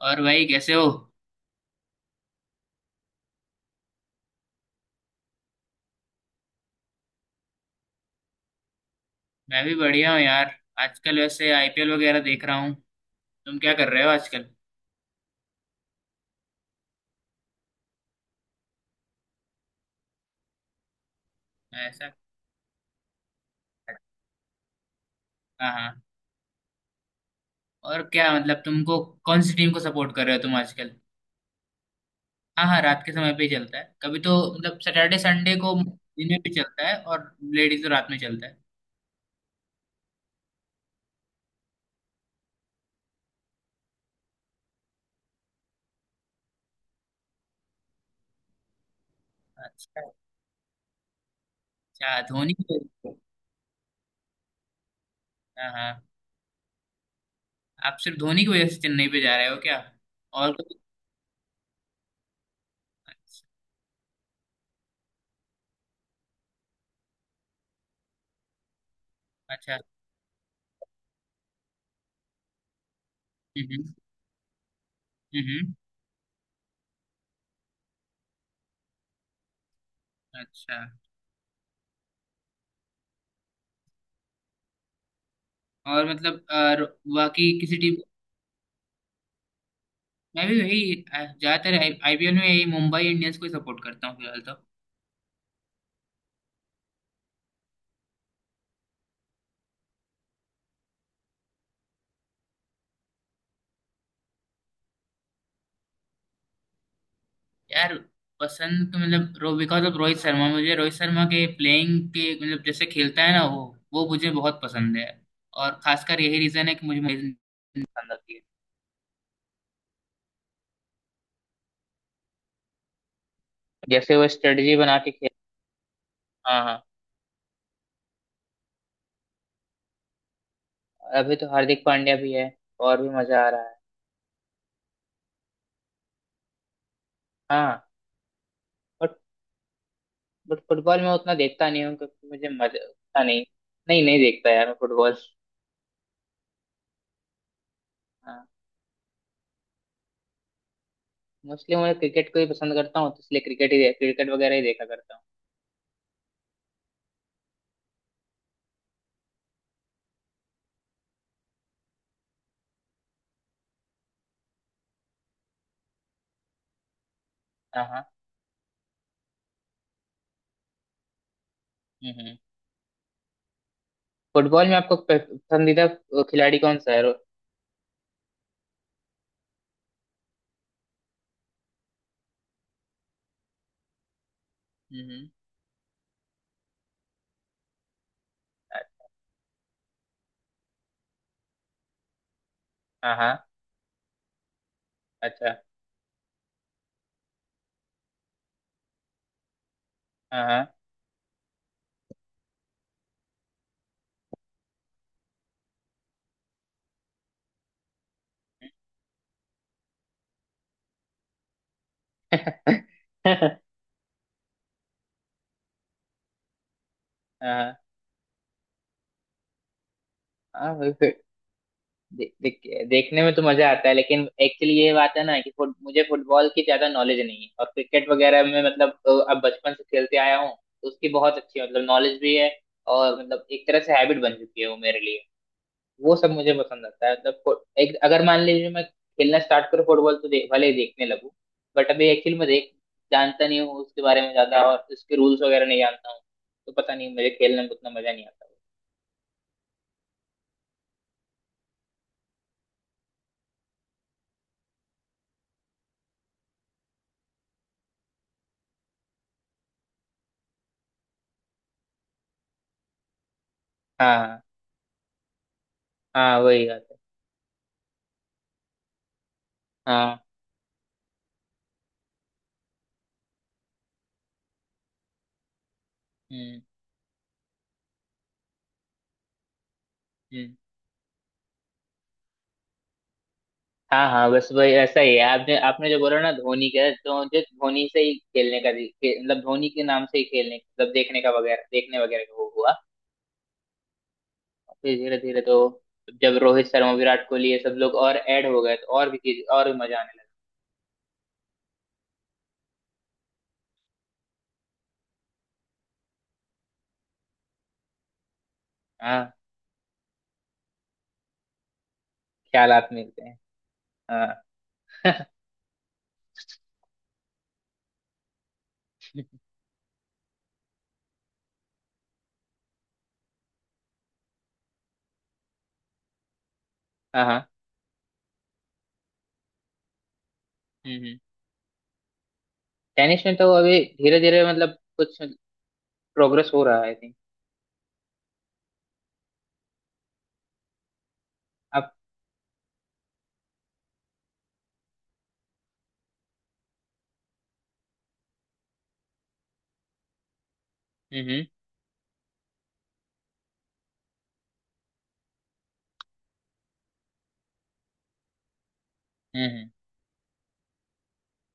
और भाई कैसे हो? मैं भी बढ़िया हूँ यार। आजकल वैसे आईपीएल वगैरह देख रहा हूँ। तुम क्या कर रहे हो आजकल? ऐसा? हाँ हाँ। और क्या? मतलब, तुमको कौन सी टीम को सपोर्ट कर रहे हो तुम आजकल? हाँ हाँ, रात के समय पे ही चलता है, कभी तो मतलब सैटरडे संडे को दिन में भी चलता है। और लेडीज तो रात में चलता है। अच्छा। अच्छा, धोनी की वजह से? हाँ हाँ। आप सिर्फ धोनी की वजह से चेन्नई पे जा रहे हो क्या? और कुछ? अच्छा। अच्छा। हम्म। हम्म, हम्म। अच्छा। और मतलब, और बाकी किसी टीम? मैं भी वही ज्यादातर आईपीएल में यही मुंबई इंडियंस को ही सपोर्ट करता हूँ फिलहाल तो। यार, पसंद तो मतलब रो बिकॉज ऑफ रोहित शर्मा, मुझे रोहित शर्मा के प्लेइंग के, मतलब जैसे खेलता है ना वो मुझे बहुत पसंद है। और खासकर यही रीजन है कि मुझे मुझे पसंद आती है, जैसे वो स्ट्रेटजी बना के खेल। हाँ हाँ। अभी तो हार्दिक पांड्या भी है, और भी मजा आ रहा है। हाँ। बट बट फुटबॉल में उतना देखता नहीं हूँ क्योंकि मुझे मजा उतना नहीं। नहीं नहीं, देखता यार मैं फुटबॉल। मोस्टली मैं क्रिकेट को ही पसंद करता हूँ, तो इसलिए क्रिकेट ही, क्रिकेट वगैरह ही देखा करता हूँ। हाँ हाँ। हम्म। फुटबॉल में आपको पसंदीदा खिलाड़ी कौन सा है? हम्म हम्म, हाँ हाँ। अच्छा। हाँ हाँ। हाँ हाँ, वही फिर। देखने में तो मजा आता है, लेकिन एक्चुअली ये बात है ना कि मुझे फुटबॉल की ज्यादा नॉलेज नहीं है, और क्रिकेट वगैरह में मतलब अब बचपन से खेलते आया हूँ। तो उसकी बहुत अच्छी मतलब नॉलेज भी है, और मतलब एक तरह से हैबिट बन चुकी है वो मेरे लिए। वो सब मुझे पसंद आता है, मतलब एक अगर मान लीजिए मैं खेलना स्टार्ट करूँ फुटबॉल, तो देख भले ही देखने लगूं। बट अभी एक्चुअली मैं देख जानता नहीं हूँ उसके बारे में ज्यादा, और उसके रूल्स वगैरह नहीं जानता हूँ। तो पता नहीं, मुझे खेलने में उतना मजा नहीं आता। हाँ। हाँ वही बात है। हाँ। हम्म हम्म। हाँ हाँ, बस वही ऐसा ही है, आपने आपने जो बोला ना धोनी का, तो मुझे धोनी से ही खेलने का मतलब धोनी के नाम से ही खेलने, मतलब देखने का वगैरह, देखने वगैरह का वो हुआ। फिर धीरे धीरे तो जब रोहित शर्मा, विराट कोहली ये सब लोग और ऐड हो गए, तो और भी चीज, और भी मजा आने लगा। हाँ, ख्यालात मिलते हैं, हाँ। हाँ हाँ। हम्म। टेनिस में तो अभी धीरे धीरे मतलब कुछ प्रोग्रेस हो रहा है, आई थिंक। अब। हम्म। हम्म हम्म,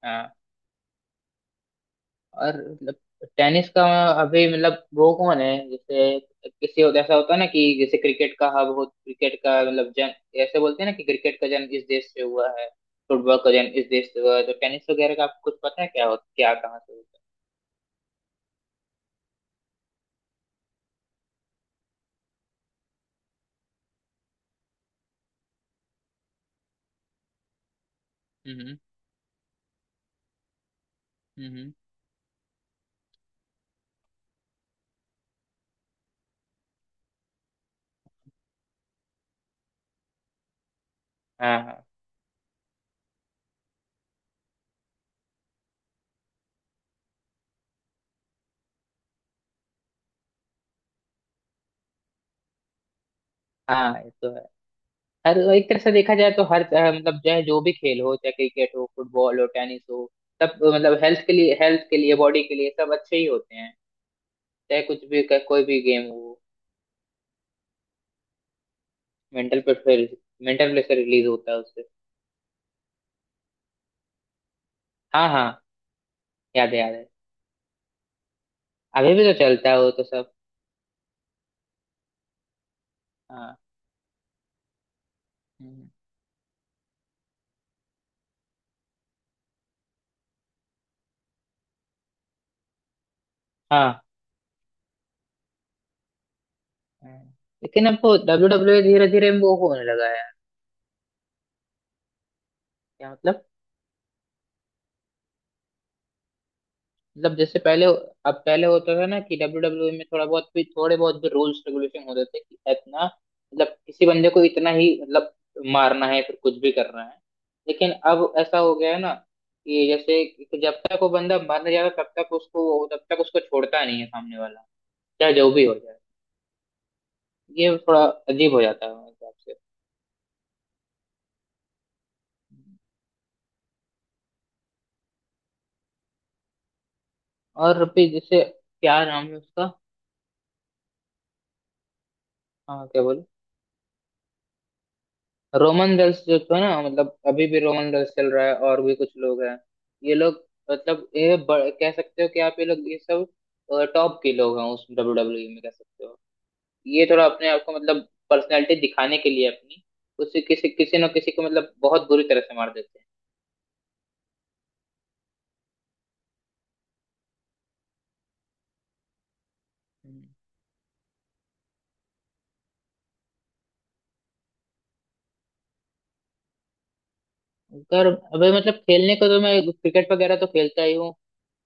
हाँ। और मतलब, टेनिस का अभी मतलब वो कौन है, जैसे ऐसा होता है ना कि जैसे क्रिकेट का हब हो, क्रिकेट का मतलब जन ऐसे बोलते हैं ना कि क्रिकेट का जन्म इस देश से हुआ है, फुटबॉल का जन्म इस देश से हुआ है, तो टेनिस वगैरह का आपको कुछ पता है क्या हो, क्या कहाँ से होता है? हम्म। हाँ हाँ। हाँ, ये तो है। हर एक तरह से देखा जाए तो हर मतलब, चाहे जो भी खेल हो, चाहे क्रिकेट हो, फुटबॉल हो, टेनिस हो, सब मतलब हेल्थ के लिए बॉडी के लिए सब अच्छे ही होते हैं। चाहे कुछ भी, कोई भी गेम हो, mental pressure mental pressure release होता है उससे। हाँ हाँ, याद है याद है। अभी भी तो चलता है वो तो सब। हाँ। हम्म, हाँ। हम्म। लेकिन अब वो डब्ल्यू डब्ल्यू धीरे धीरे वो होने लगा है। क्या मतलब? मतलब जैसे पहले, अब पहले होता था ना कि डब्ल्यू डब्ल्यू में थोड़ा बहुत भी थोड़े बहुत भी रूल्स रेगुलेशन होते थे कि इतना मतलब किसी बंदे को इतना ही मतलब मारना है, फिर कुछ भी करना है। लेकिन अब ऐसा हो गया है ना, कि जैसे कि जब तक वो बंदा मर नहीं जाता तब तक उसको, छोड़ता नहीं है सामने वाला, चाहे जो भी हो जाए। ये थोड़ा अजीब हो जाता है मेरे हिसाब से। और भी जैसे, क्या नाम है उसका? हाँ, क्या बोले? रोमन रेल्स जो था ना, मतलब अभी भी रोमन रेल्स चल रहा है, और भी कुछ लोग हैं। ये लोग मतलब ये कह सकते हो कि आप, ये लोग ये सब टॉप के लोग हैं उस डब्ल्यू डब्ल्यू में, कह सकते हो। ये थोड़ा अपने आप को मतलब पर्सनैलिटी दिखाने के लिए अपनी, उससे किसी किसी न किसी को मतलब बहुत बुरी तरह से मार देते हैं। हम्म। अगर अभी मतलब खेलने को तो मैं क्रिकेट वगैरह तो खेलता ही हूँ।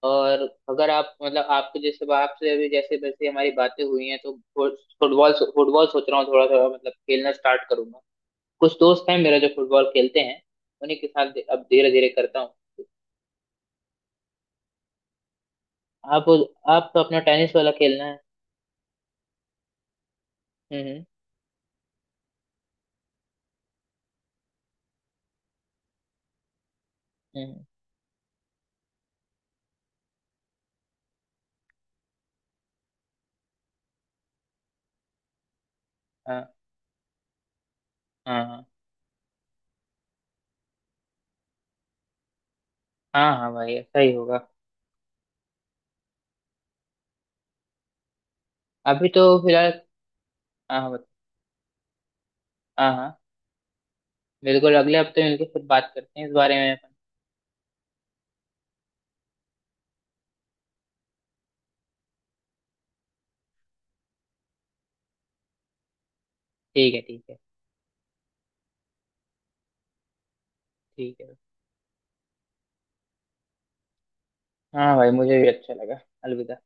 और अगर आप मतलब आपके जैसे, आपसे अभी जैसे वैसे हमारी बातें हुई हैं, तो फुटबॉल फुटबॉल सोच रहा हूँ, थोड़ा थोड़ा मतलब खेलना स्टार्ट करूंगा। कुछ दोस्त हैं मेरा जो फुटबॉल खेलते हैं, उन्हीं के साथ अब धीरे धीरे करता हूँ। आप आप तो अपना टेनिस वाला खेलना है। हम्म हम्म। हाँ हाँ। हाँ हाँ। हाँ भाई, ऐसा ही होगा। अभी तो फिलहाल। हाँ हाँ। हाँ हाँ, बिल्कुल, अगले हफ्ते मिलकर फिर बात करते हैं इस बारे में अपन। ठीक है, ठीक है। ठीक है। हाँ भाई, मुझे भी अच्छा लगा। अलविदा।